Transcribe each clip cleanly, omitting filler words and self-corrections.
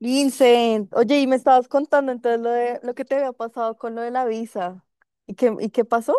Vincent, oye, y me estabas contando entonces lo que te había pasado con lo de la visa. Y qué pasó?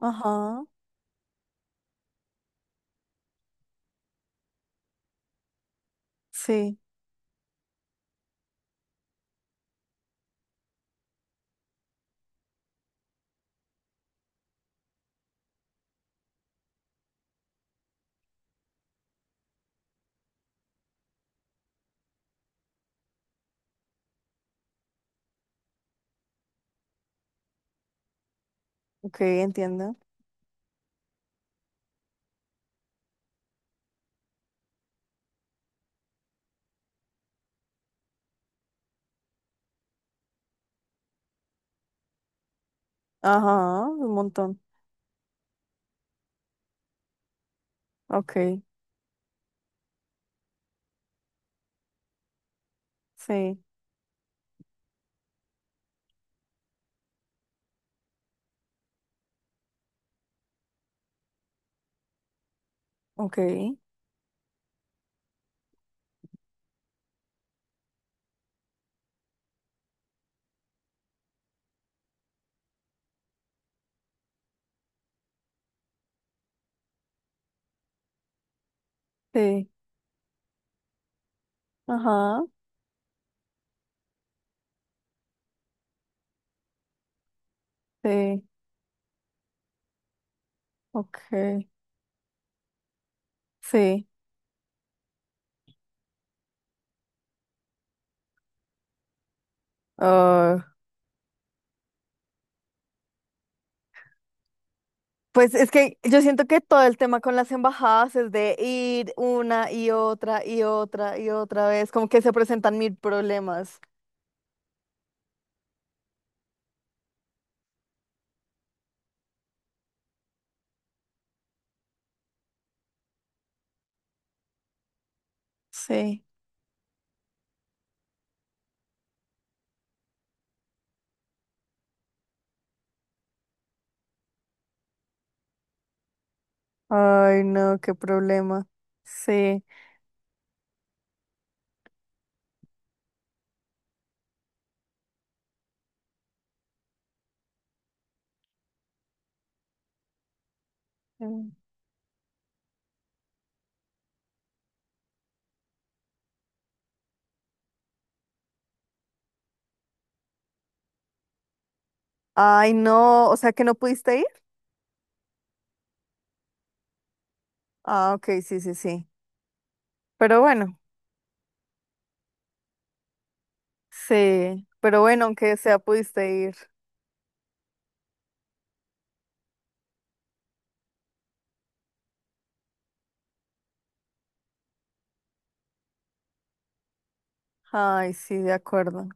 Ajá, sí, ok, entiendo. Ajá, un montón. Ok, sí, ok. Sí, ajá, sí, ok, sí. Ah, pues es que yo siento que todo el tema con las embajadas es de ir una y otra y otra y otra vez, como que se presentan mil problemas. Sí. Ay, no, qué problema. Sí. Mm. Ay, no, o sea que no pudiste ir. Ah, ok, sí, sí, sí. Pero bueno, sí, pero bueno, aunque sea pudiste ir. Ay, sí, de acuerdo,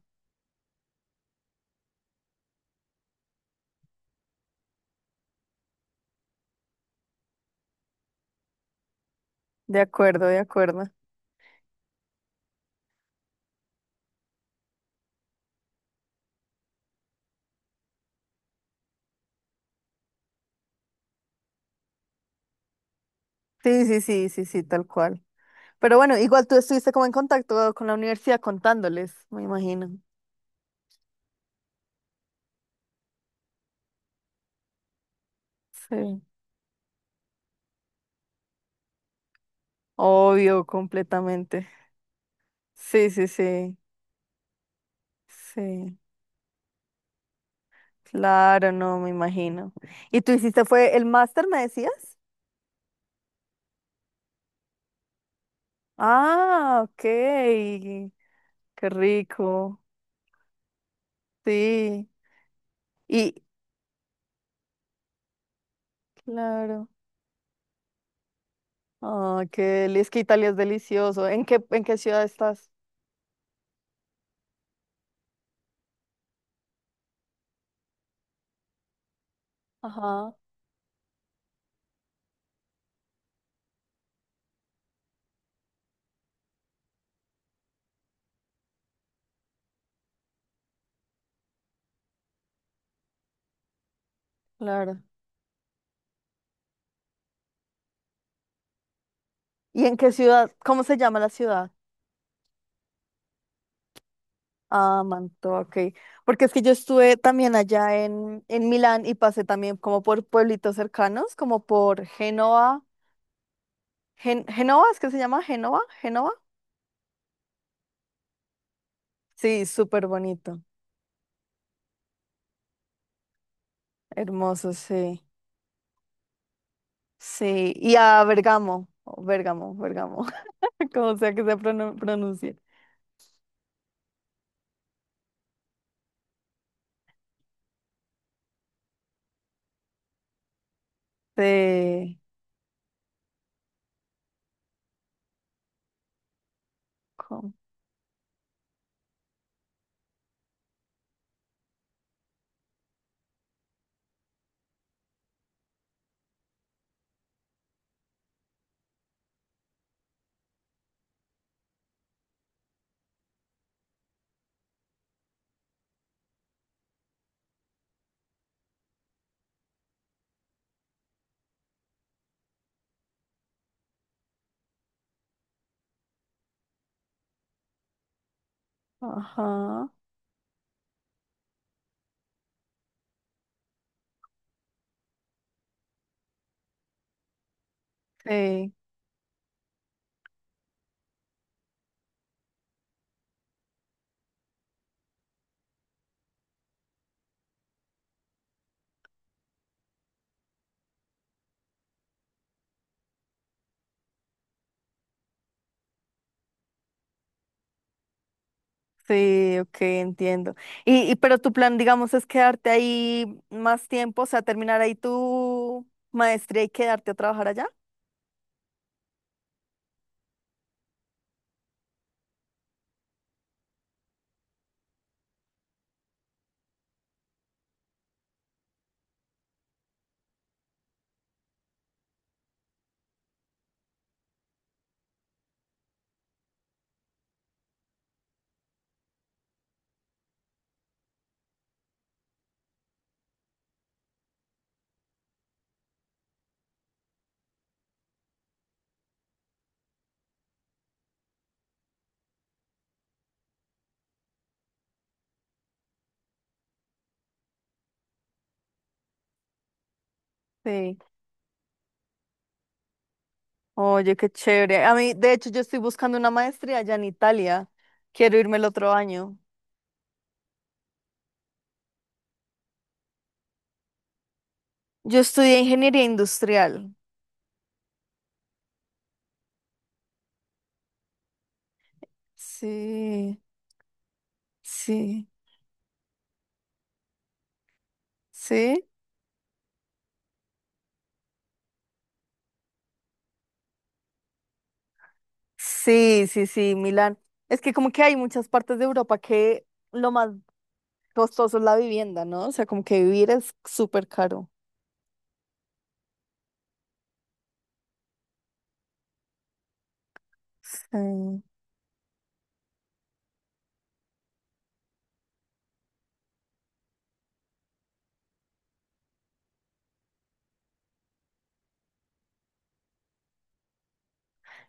de acuerdo, de acuerdo. Sí, sí, sí, sí, sí, tal cual. Pero bueno, igual tú estuviste como en contacto con la universidad contándoles, me imagino. Sí. Obvio, completamente. Sí, sí, sí, sí. Claro, no, me imagino. ¿Y tú hiciste fue el máster, me decías? Ah, ok. Qué rico. Sí. Y claro. Ah, qué es que Italia es delicioso. En qué ciudad estás? Ajá, claro. ¿Y en qué ciudad? ¿Cómo se llama la ciudad? Ah, Mantua, ok. Porque es que yo estuve también allá en Milán y pasé también como por pueblitos cercanos, como por Génova. ¿Génova? ¿Es que se llama Génova? ¿Génova? Sí, súper bonito. Hermoso, sí. Sí. Y a Bergamo, o Bérgamo, Bergamo, como sea que se pronuncie. Sí. com- Ajá. Sí. Sí, ok, entiendo. Y pero tu plan, digamos, es quedarte ahí más tiempo, o sea, terminar ahí tu maestría y quedarte a trabajar allá. Sí. Oye, qué chévere. A mí, de hecho, yo estoy buscando una maestría allá en Italia. Quiero irme el otro año. Yo estudié ingeniería industrial. Sí, sí, sí. Sí, sí, sí, Milán. Es que como que hay muchas partes de Europa que lo más costoso es la vivienda, ¿no? O sea, como que vivir es súper caro. Sí,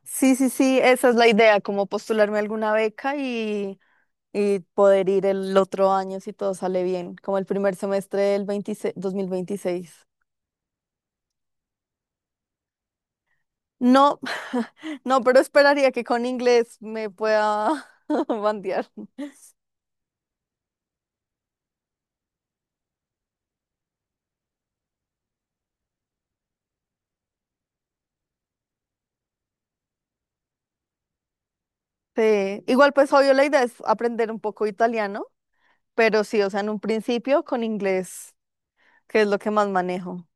sí, sí, sí, esa es la idea, como postularme a alguna beca y poder ir el otro año si todo sale bien, como el primer semestre del veintiséis 2026. No, no, pero esperaría que con inglés me pueda bandear. Sí, igual pues obvio la idea es aprender un poco italiano, pero sí, o sea, en un principio con inglés, que es lo que más manejo.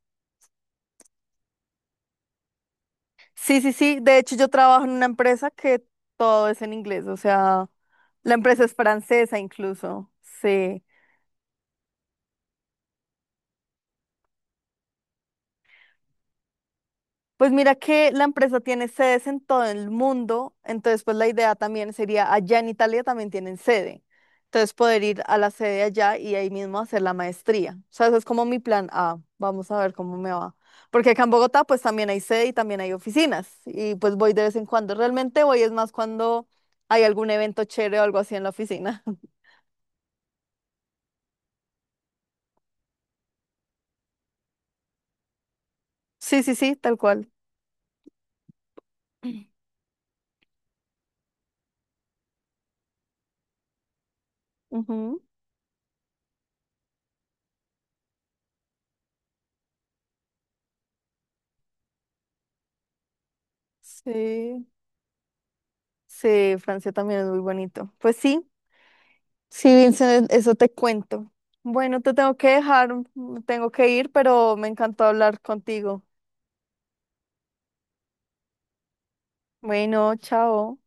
Sí, sí, sí. De hecho, yo trabajo en una empresa que todo es en inglés, o sea, la empresa es francesa incluso. Sí. Pues mira que la empresa tiene sedes en todo el mundo, entonces pues la idea también sería allá en Italia también tienen sede. Entonces poder ir a la sede allá y ahí mismo hacer la maestría. O sea, ese es como mi plan A. Vamos a ver cómo me va. Porque acá en Bogotá pues también hay sede y también hay oficinas y pues voy de vez en cuando. Realmente voy es más cuando hay algún evento chévere o algo así en la oficina. Sí, sí, sí, tal cual. Ujú. Sí, sí, Francia también es muy bonito. Pues sí, sí, Vincent, eso te cuento. Bueno, te tengo que dejar, tengo que ir, pero me encantó hablar contigo. Bueno, chao.